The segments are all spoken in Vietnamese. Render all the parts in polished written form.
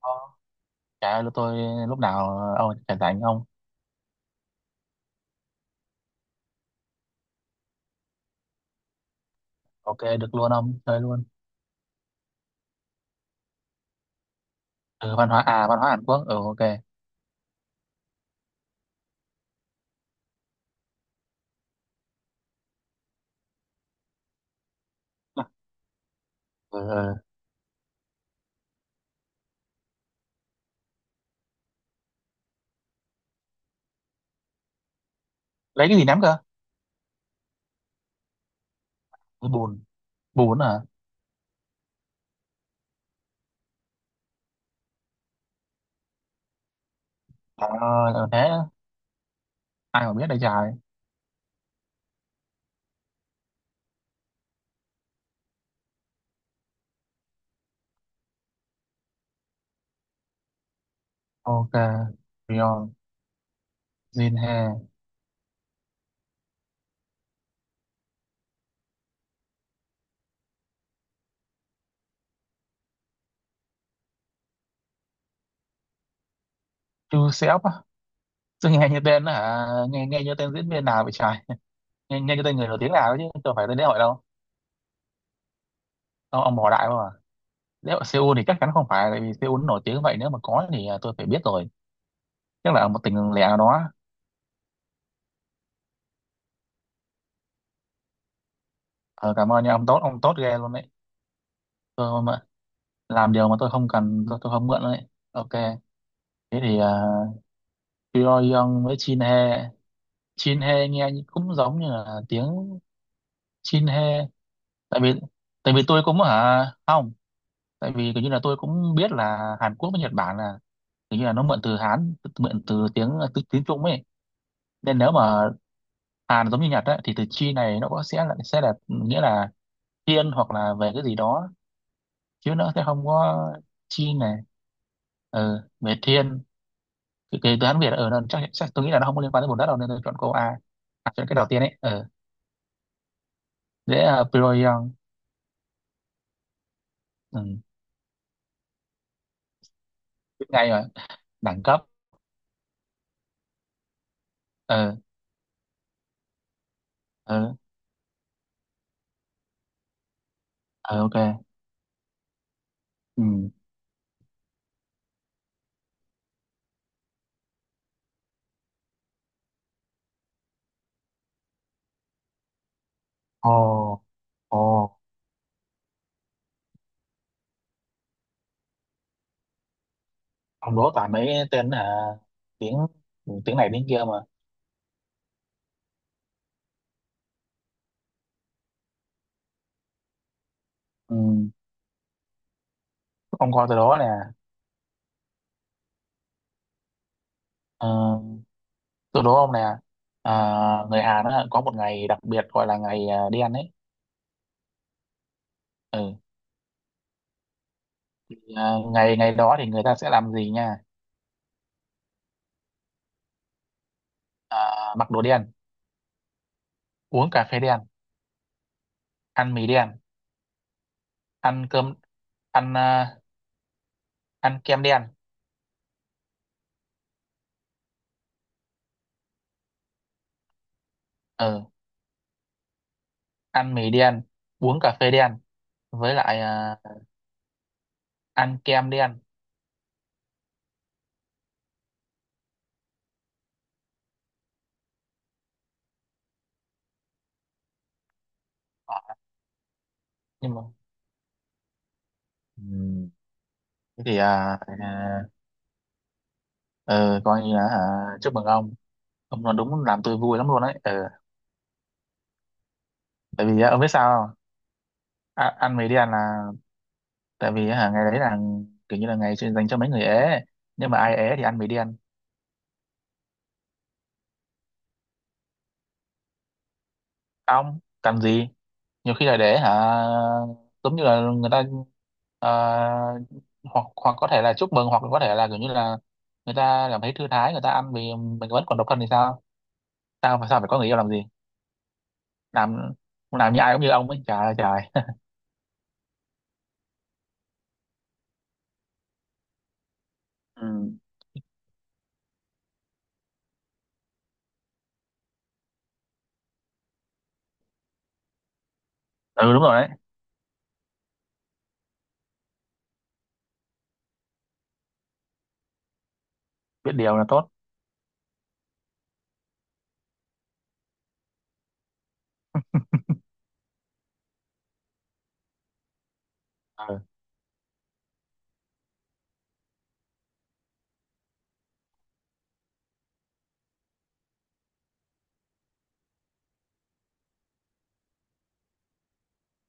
Ờ, Trời ơi, tôi lúc nào ông rảnh rảnh. Ok, được luôn, ông chơi luôn. Ừ, văn hóa, văn hóa Hàn Quốc, ừ ok. Ừ. Lấy cái gì, nắm cơ? Ừ, bùn bùn à. Trời ơi, thế ai mà biết đây trời. Ok. Rion, Jin He. Chu Seop á? Tôi nghe như tên hả, nghe nghe như tên diễn viên nào vậy trời. Nghe như tên người nổi tiếng nào ấy, chứ tôi phải tên lễ hội đâu. Ông bỏ đại không à? Lễ hội Seoul thì chắc chắn không phải, tại vì Seoul nó nổi tiếng vậy, nếu mà có thì tôi phải biết rồi. Chắc là ở một tỉnh lẻ nào đó. Ờ, cảm ơn nha ông tốt ghê luôn đấy. Tôi không ạ. Làm điều mà tôi không cần, tôi không mượn đấy. Ok. Thế thì Pyongyang với Chin He. Chin He nghe như- cũng giống như là tiếng Chin He. Tại vì tại vì tôi cũng hả, không. Tại vì kiểu như là tôi cũng biết là Hàn Quốc với Nhật Bản là kiểu như là nó mượn từ Hán, mượn từ tiếng Trung ấy. Nên nếu mà Hàn giống như Nhật ấy, thì từ chi này nó có sẽ là nghĩa là thiên hoặc là về cái gì đó, chứ nó sẽ không có chi này. Ừ, về thiên. Cái đoán Việt ở nó chắc tôi nghĩ là nó không có liên quan tới vùng đất đâu, nên tôi chọn câu A. Chọn cái đầu tiên ấy, ờ dễ à, Pyongyang. Ừ, biết ngay rồi, đẳng cấp. Ờ, ờ, ờ, ok, ừ. Ồ, ồ. Ông đố toàn mấy tên tiếng, tiếng này tiếng kia mà. Ừ, ông coi tôi đố nè. Ờ, tôi đố ông nè. à, Người Hàn á, có một ngày đặc biệt gọi là ngày đen ấy. Ừ. Ngày ngày đó thì người ta sẽ làm gì nha. à, Mặc đồ đen, uống cà phê đen, ăn mì đen, ăn cơm, ăn ăn kem đen. Ờ, ăn mì đen, uống cà phê đen, với lại ăn kem đen. Ờ, nhưng mà ừ, thế thì ờ, coi như là hả, chúc mừng ông. Ông nói đúng làm tôi vui lắm luôn đấy, ờ. Tại vì ông biết sao không? À, ăn mì đen là tại vì hả, ngày đấy là kiểu như là ngày chuyên dành cho mấy người ế, nhưng mà ai ế thì ăn mì đen. Ông cần gì, nhiều khi là để hả giống như là người ta. Ờ, hoặc hoặc có thể là chúc mừng, hoặc có thể là kiểu như là người ta cảm thấy thư thái, người ta ăn vì mình vẫn còn độc thân thì sao. Sao sao phải có người yêu làm gì, làm làm như ai cũng như ông ấy trời ơi trời. Ừ, ừ đúng rồi đấy. Biết điều là tốt. Ừ,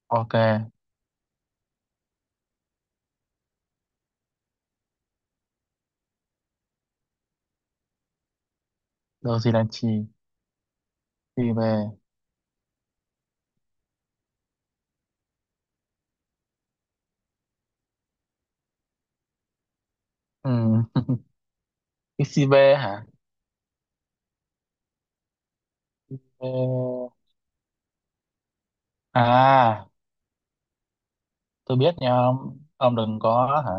ok. Đâu gì đang chi, chi về. Ừ. Cái XCV hả? Ờ, à tôi biết nha ông. Ông đừng có hả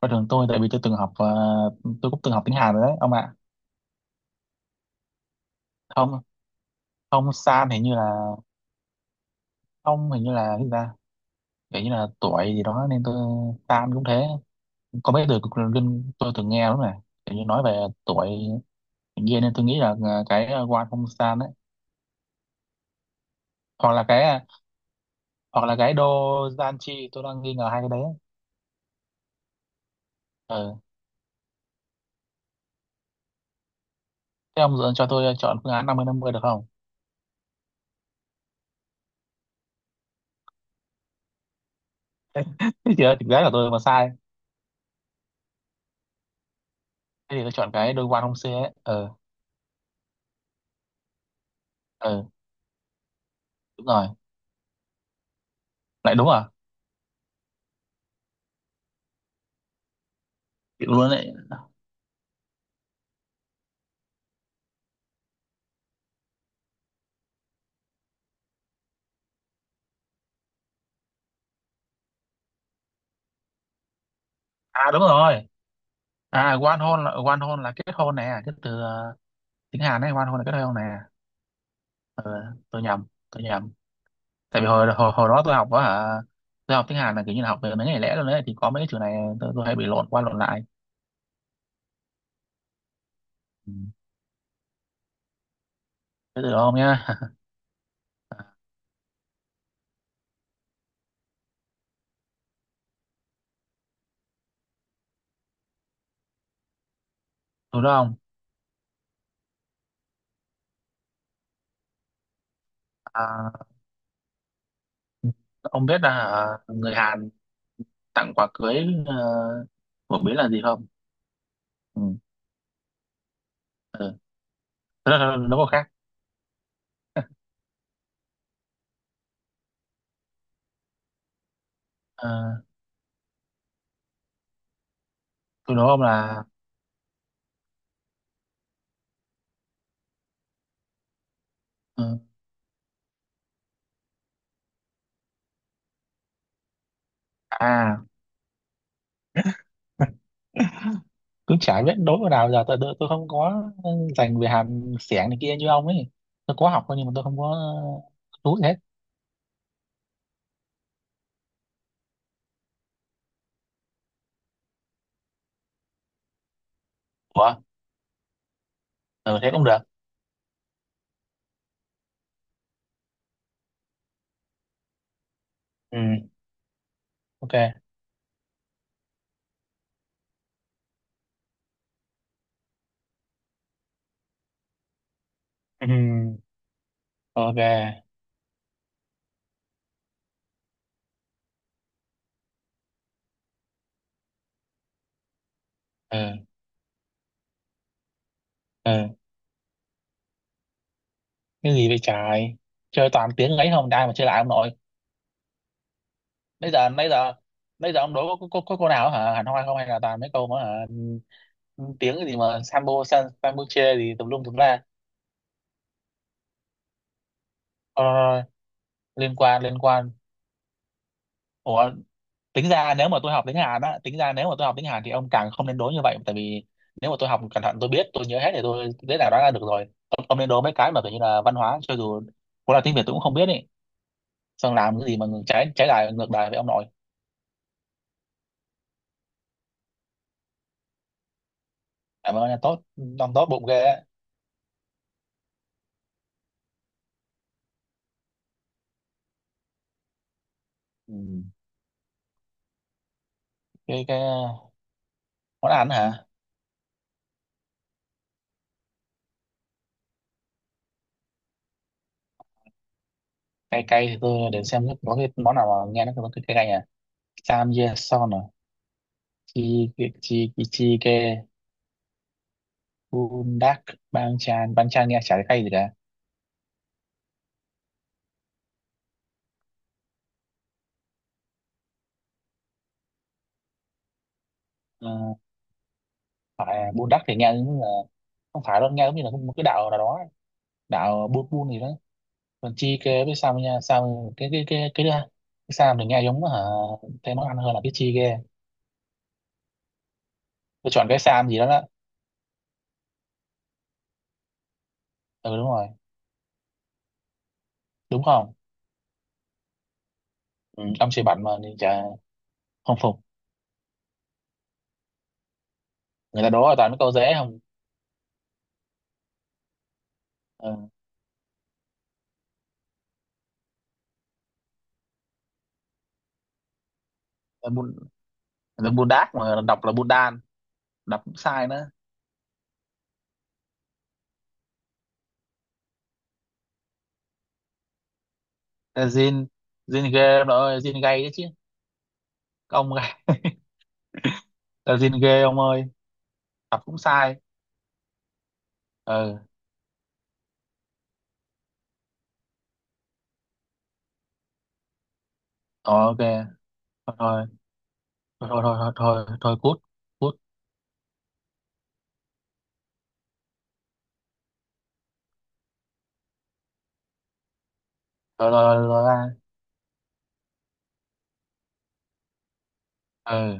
coi thường tôi, tại vì tôi từng học tôi cũng từng học tiếng Hàn rồi đấy ông ạ. Không, không San hình như là không, hình như là cái gì ta, kiểu như là tuổi gì đó nên tôi Tan cũng thế. Có mấy từ cực linh tôi từng nghe đúng này, kiểu như nói về tuổi kia, nên tôi nghĩ là cái Wan Hong San đấy, hoặc là cái hoặc là cái Do Gian Chi, tôi đang nghi ngờ hai cái đấy. Ừ, thế ông dựa cho tôi chọn phương án năm mươi được không? Thế thì ờ, thực ra là tôi mà sai, thế thì tôi chọn cái Do Wan Hong Se ấy, ờ. Ừ đúng rồi. Lại đúng à. Chịu luôn đấy. À đúng rồi. À Wan Hon là, Wan Hon là kết hôn nè, cái từ tiếng Hàn ấy, Wan Hon là kết hôn nè. Ừ, tôi nhầm, tôi nhầm. Tại vì hồi hồi, hồi đó tôi học đó hả, tôi học tiếng Hàn là kiểu như là học về mấy ngày lẻ luôn đấy, thì có mấy cái chữ này tôi hay bị lộn qua lộn lại. Ừ. Thế từ đó ông nhá. Từ đó ông, à, ông biết là hả, người Hàn tặng quà cưới ờ, phổ biến là gì không? Ừ. Ừ. Thế là nó có khác. Ờ, từ đó ông là ừ. À, cứ chả biết đối vào nào, giờ tôi không có dành về Hàn xẻng này kia như ông ấy. Tôi có học thôi nhưng mà tôi không có chú hết. Ủa, ừ, thế cũng được. Ừ, ok. Ừ, ok. Ừ, ừ. Cái gì vậy trời? Chơi toàn tiếng ấy, không ai mà chơi lại ông nội. Bây giờ bây giờ bây giờ ông đối có cô nào hả? Hẳn hoi không hay là toàn mấy câu mà hả? Ừ, tiếng gì mà sambo san, sambuche gì tùm lum tùm la. Thôi, thôi, thôi, liên quan liên quan. Ủa, tính ra nếu mà tôi học tiếng Hàn á, tính ra nếu mà tôi học tiếng Hàn thì ông càng không nên đố như vậy, tại vì nếu mà tôi học cẩn thận tôi biết, tôi nhớ hết thì tôi dễ dàng đoán ra được rồi. Ông nên đố mấy cái mà kiểu như là văn hóa, cho dù có là tiếng Việt tôi cũng không biết ý. Sơn làm cái gì mà trái trái lại ngược lại với ông nội. Làm ơn là tốt, ông tốt bụng ghê á. Ừ. cái món ăn hả, cay. Cay thì tôi để xem có cái món nào mà nghe nó có cái cay cay à. Samgyeopsal à, chi, chi ke, bundak, banchan, banchan nghe chả thấy cay gì cả. Ờ, phải bundak thì nghe giống như là không phải đâu, nghe giống như là một cái đạo nào đó, đạo bun bun gì đó. Còn chi ke với sam nha sam. Cái cái cái cái cái, cái sam thì nghe giống hả, thấy món ăn hơn là cái chi ke. Tôi chọn cái sam gì đó đó. Ừ đúng rồi. Đúng không? Ừ, ông siêu mạnh mà nên chả không phục. Người ta đố là toàn mấy câu dễ không. Ừ, bun là bun đát mà đọc là bun đan, đọc cũng sai nữa. Là zin, zin ghê ông ơi, zin gay đấy chứ. Các ông gay là zin ghê ông ơi. Đọc cũng sai. Ừ. Ờ, ok. Thôi thôi thôi thôi thôi thôi, thôi cút, cút. Rồi rồi rồi ra. Ừ.